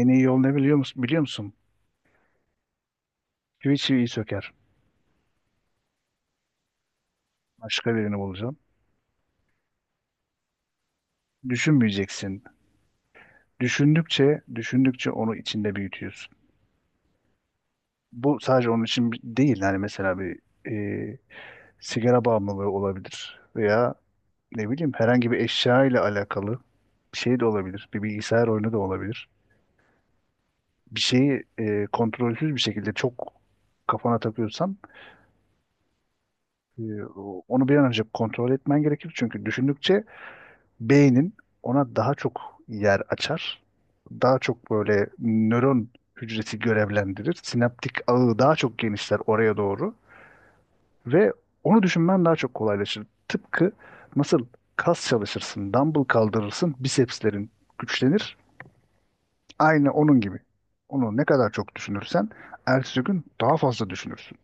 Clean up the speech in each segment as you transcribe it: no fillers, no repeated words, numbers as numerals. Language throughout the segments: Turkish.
En iyi yol ne biliyor musun? Biliyor musun? Çivi çiviyi söker. Başka birini bulacağım. Düşünmeyeceksin. Düşündükçe, düşündükçe onu içinde büyütüyorsun. Bu sadece onun için bi- değil. Yani mesela bir e, sigara bağımlılığı olabilir. Veya ne bileyim herhangi bir eşya ile alakalı bir şey de olabilir. Bir bilgisayar oyunu da olabilir. Bir şeyi kontrolsüz bir şekilde çok kafana takıyorsan onu bir an önce kontrol etmen gerekir. Çünkü düşündükçe beynin ona daha çok yer açar. Daha çok böyle nöron hücresi görevlendirir. Sinaptik ağı daha çok genişler oraya doğru ve onu düşünmen daha çok kolaylaşır. Tıpkı nasıl kas çalışırsın, dumbbell kaldırırsın, bisepslerin güçlenir. Aynı onun gibi. Onu ne kadar çok düşünürsen ertesi gün daha fazla düşünürsün.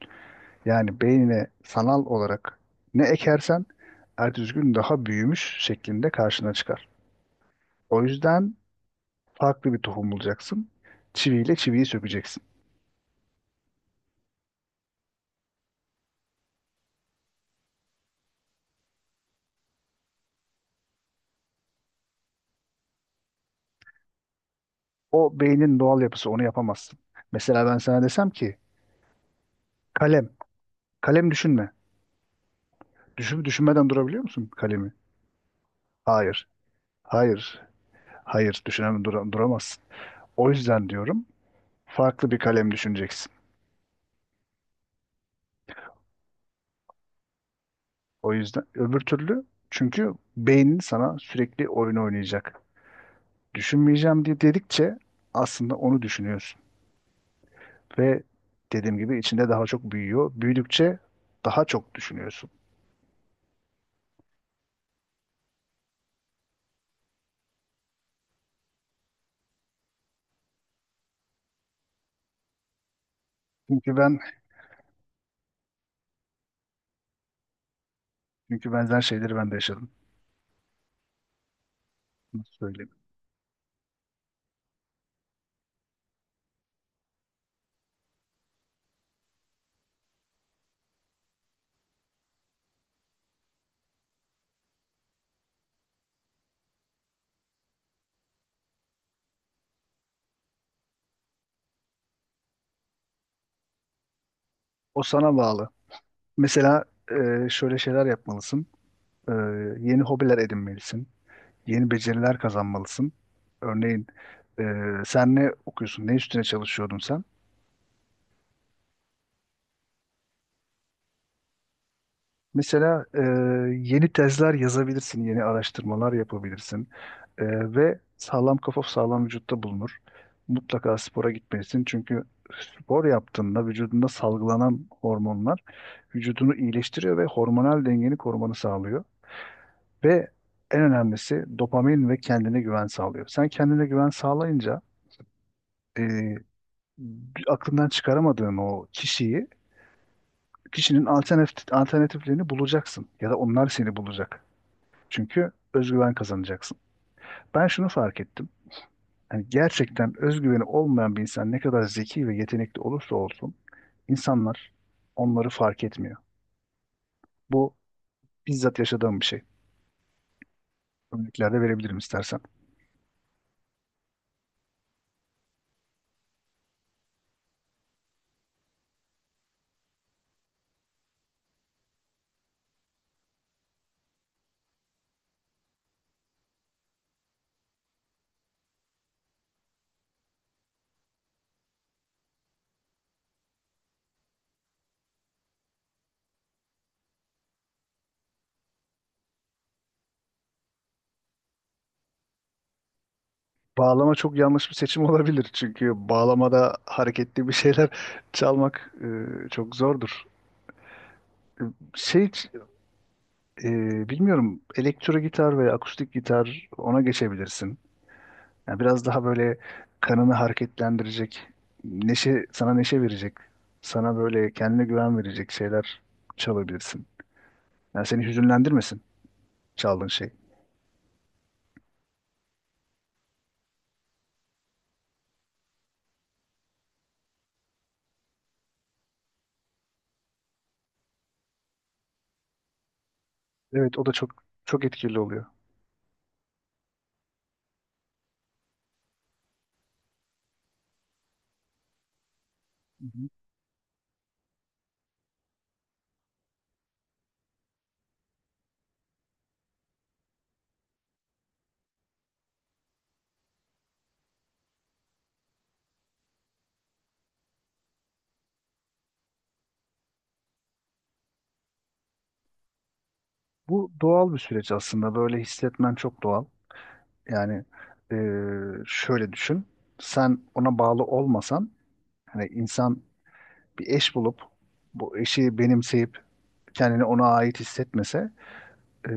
Yani beynine sanal olarak ne ekersen ertesi gün daha büyümüş şeklinde karşına çıkar. O yüzden farklı bir tohum bulacaksın. Çiviyle çiviyi sökeceksin. O beynin doğal yapısı, onu yapamazsın. Mesela ben sana desem ki kalem, kalem düşünme. Düşün, düşünmeden durabiliyor musun kalemi? Hayır, hayır, hayır düşünemem, duramazsın. O yüzden diyorum, farklı bir kalem düşüneceksin. O yüzden öbür türlü, çünkü beynin sana sürekli oyun oynayacak. Düşünmeyeceğim diye dedikçe aslında onu düşünüyorsun ve dediğim gibi içinde daha çok büyüyor. Büyüdükçe daha çok düşünüyorsun. Çünkü ben çünkü benzer şeyleri ben de yaşadım. Nasıl söyleyeyim? O sana bağlı. Mesela şöyle şeyler yapmalısın. E, Yeni hobiler edinmelisin. Yeni beceriler kazanmalısın. Örneğin e, sen ne okuyorsun? Ne üstüne çalışıyordun sen? Mesela yeni tezler yazabilirsin. Yeni araştırmalar yapabilirsin. E, Ve sağlam kafa sağlam vücutta bulunur. Mutlaka spora gitmelisin. Çünkü spor yaptığında vücudunda salgılanan hormonlar vücudunu iyileştiriyor ve hormonal dengeni korumanı sağlıyor. Ve en önemlisi dopamin ve kendine güven sağlıyor. Sen kendine güven sağlayınca e, aklından çıkaramadığın o kişiyi, alternatiflerini bulacaksın. Ya da onlar seni bulacak. Çünkü özgüven kazanacaksın. Ben şunu fark ettim. Yani gerçekten özgüveni olmayan bir insan ne kadar zeki ve yetenekli olursa olsun insanlar onları fark etmiyor. Bu bizzat yaşadığım bir şey. Örneklerde verebilirim istersen. Bağlama çok yanlış bir seçim olabilir. Çünkü bağlamada hareketli bir şeyler çalmak çok zordur. E, Şey, bilmiyorum, elektro gitar veya akustik gitar, ona geçebilirsin. Yani biraz daha böyle kanını hareketlendirecek, sana neşe verecek, sana böyle kendine güven verecek şeyler çalabilirsin. Yani seni hüzünlendirmesin çaldığın şey. Evet, o da çok etkili oluyor. Hı hı. Bu doğal bir süreç aslında. Böyle hissetmen çok doğal. Yani e, şöyle düşün. Sen ona bağlı olmasan, hani insan bir eş bulup bu eşi benimseyip kendini ona ait hissetmese e,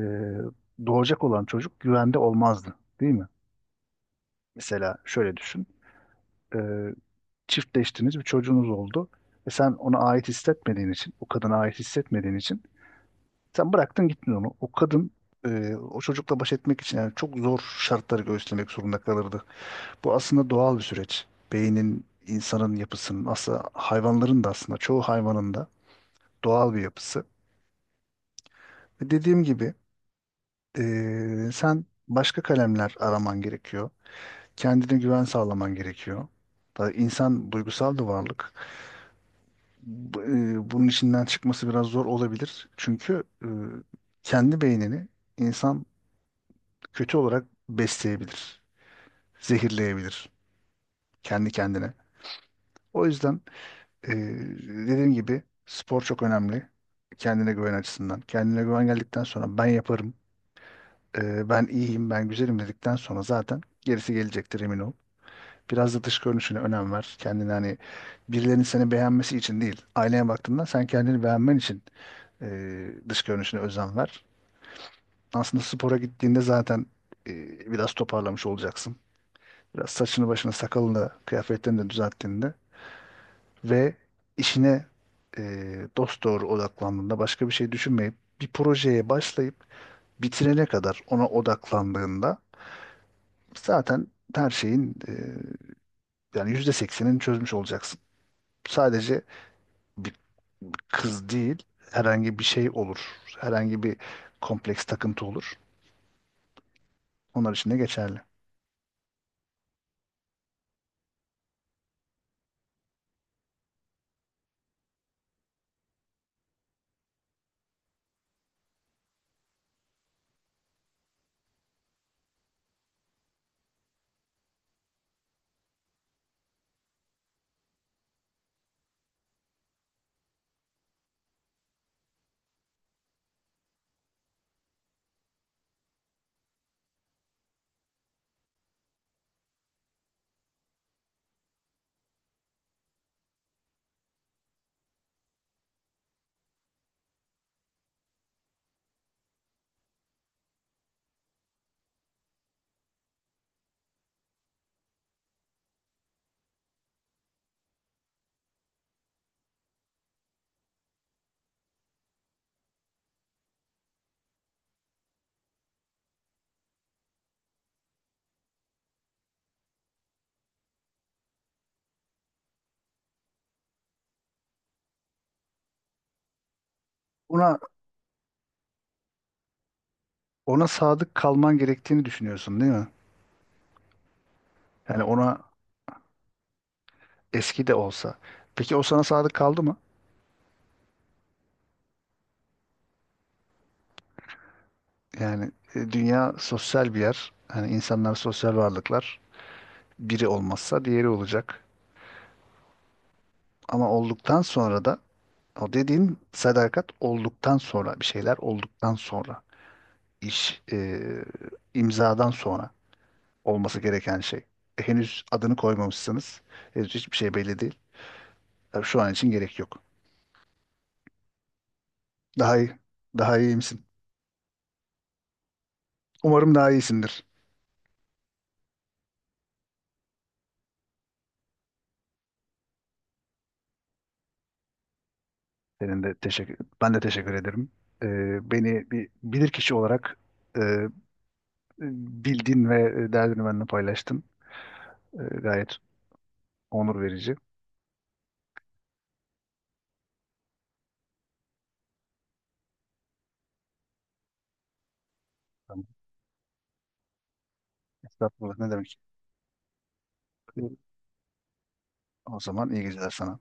doğacak olan çocuk güvende olmazdı, değil mi? Mesela şöyle düşün. E, Çiftleştiniz, bir çocuğunuz oldu ve sen ona ait hissetmediğin için, o kadına ait hissetmediğin için sen bıraktın gittin onu. O kadın o çocukla baş etmek için yani çok zor şartları göğüslemek zorunda kalırdı. Bu aslında doğal bir süreç. Beynin, insanın yapısının, aslında hayvanların da, aslında çoğu hayvanın da doğal bir yapısı. Ve dediğim gibi, sen başka kalemler araman gerekiyor. Kendine güven sağlaman gerekiyor. Da insan duygusal bir varlık. Bunun içinden çıkması biraz zor olabilir. Çünkü kendi beynini insan kötü olarak besleyebilir, zehirleyebilir kendi kendine. O yüzden Ee, dediğim gibi spor çok önemli. Kendine güven açısından. Kendine güven geldikten sonra ben yaparım, ben iyiyim, ben güzelim dedikten sonra zaten gerisi gelecektir, emin ol. Biraz da dış görünüşüne önem ver. Kendini hani birilerinin seni beğenmesi için değil, aynaya baktığında sen kendini beğenmen için e, dış görünüşüne özen ver. Aslında spora gittiğinde zaten biraz toparlamış olacaksın. Biraz saçını başını sakalını kıyafetlerini de düzelttiğinde ve işine e, dosdoğru odaklandığında, başka bir şey düşünmeyip bir projeye başlayıp bitirene kadar ona odaklandığında zaten her şeyin yani %80'ini çözmüş olacaksın. Sadece bir kız değil, herhangi bir şey olur. Herhangi bir kompleks, takıntı olur. Onlar için de geçerli. Ona ona sadık kalman gerektiğini düşünüyorsun değil mi? Yani ona, eski de olsa. Peki o sana sadık kaldı mı? Yani dünya sosyal bir yer. Hani insanlar sosyal varlıklar. Biri olmazsa diğeri olacak. Ama olduktan sonra da o dediğin sadakat olduktan sonra, bir şeyler olduktan sonra iş imzadan sonra olması gereken şey. Henüz adını koymamışsınız. Henüz hiçbir şey belli değil. Tabii şu an için gerek yok. Daha iyi. Daha iyi misin? Umarım daha iyisindir. Senin de teşekkür, ben de teşekkür ederim. E, Beni bir bilirkişi olarak e, e, bildin ve derdini benimle paylaştın. Gayet onur verici. Tamam. Estağfurullah ne demek. E, O zaman iyi geceler sana.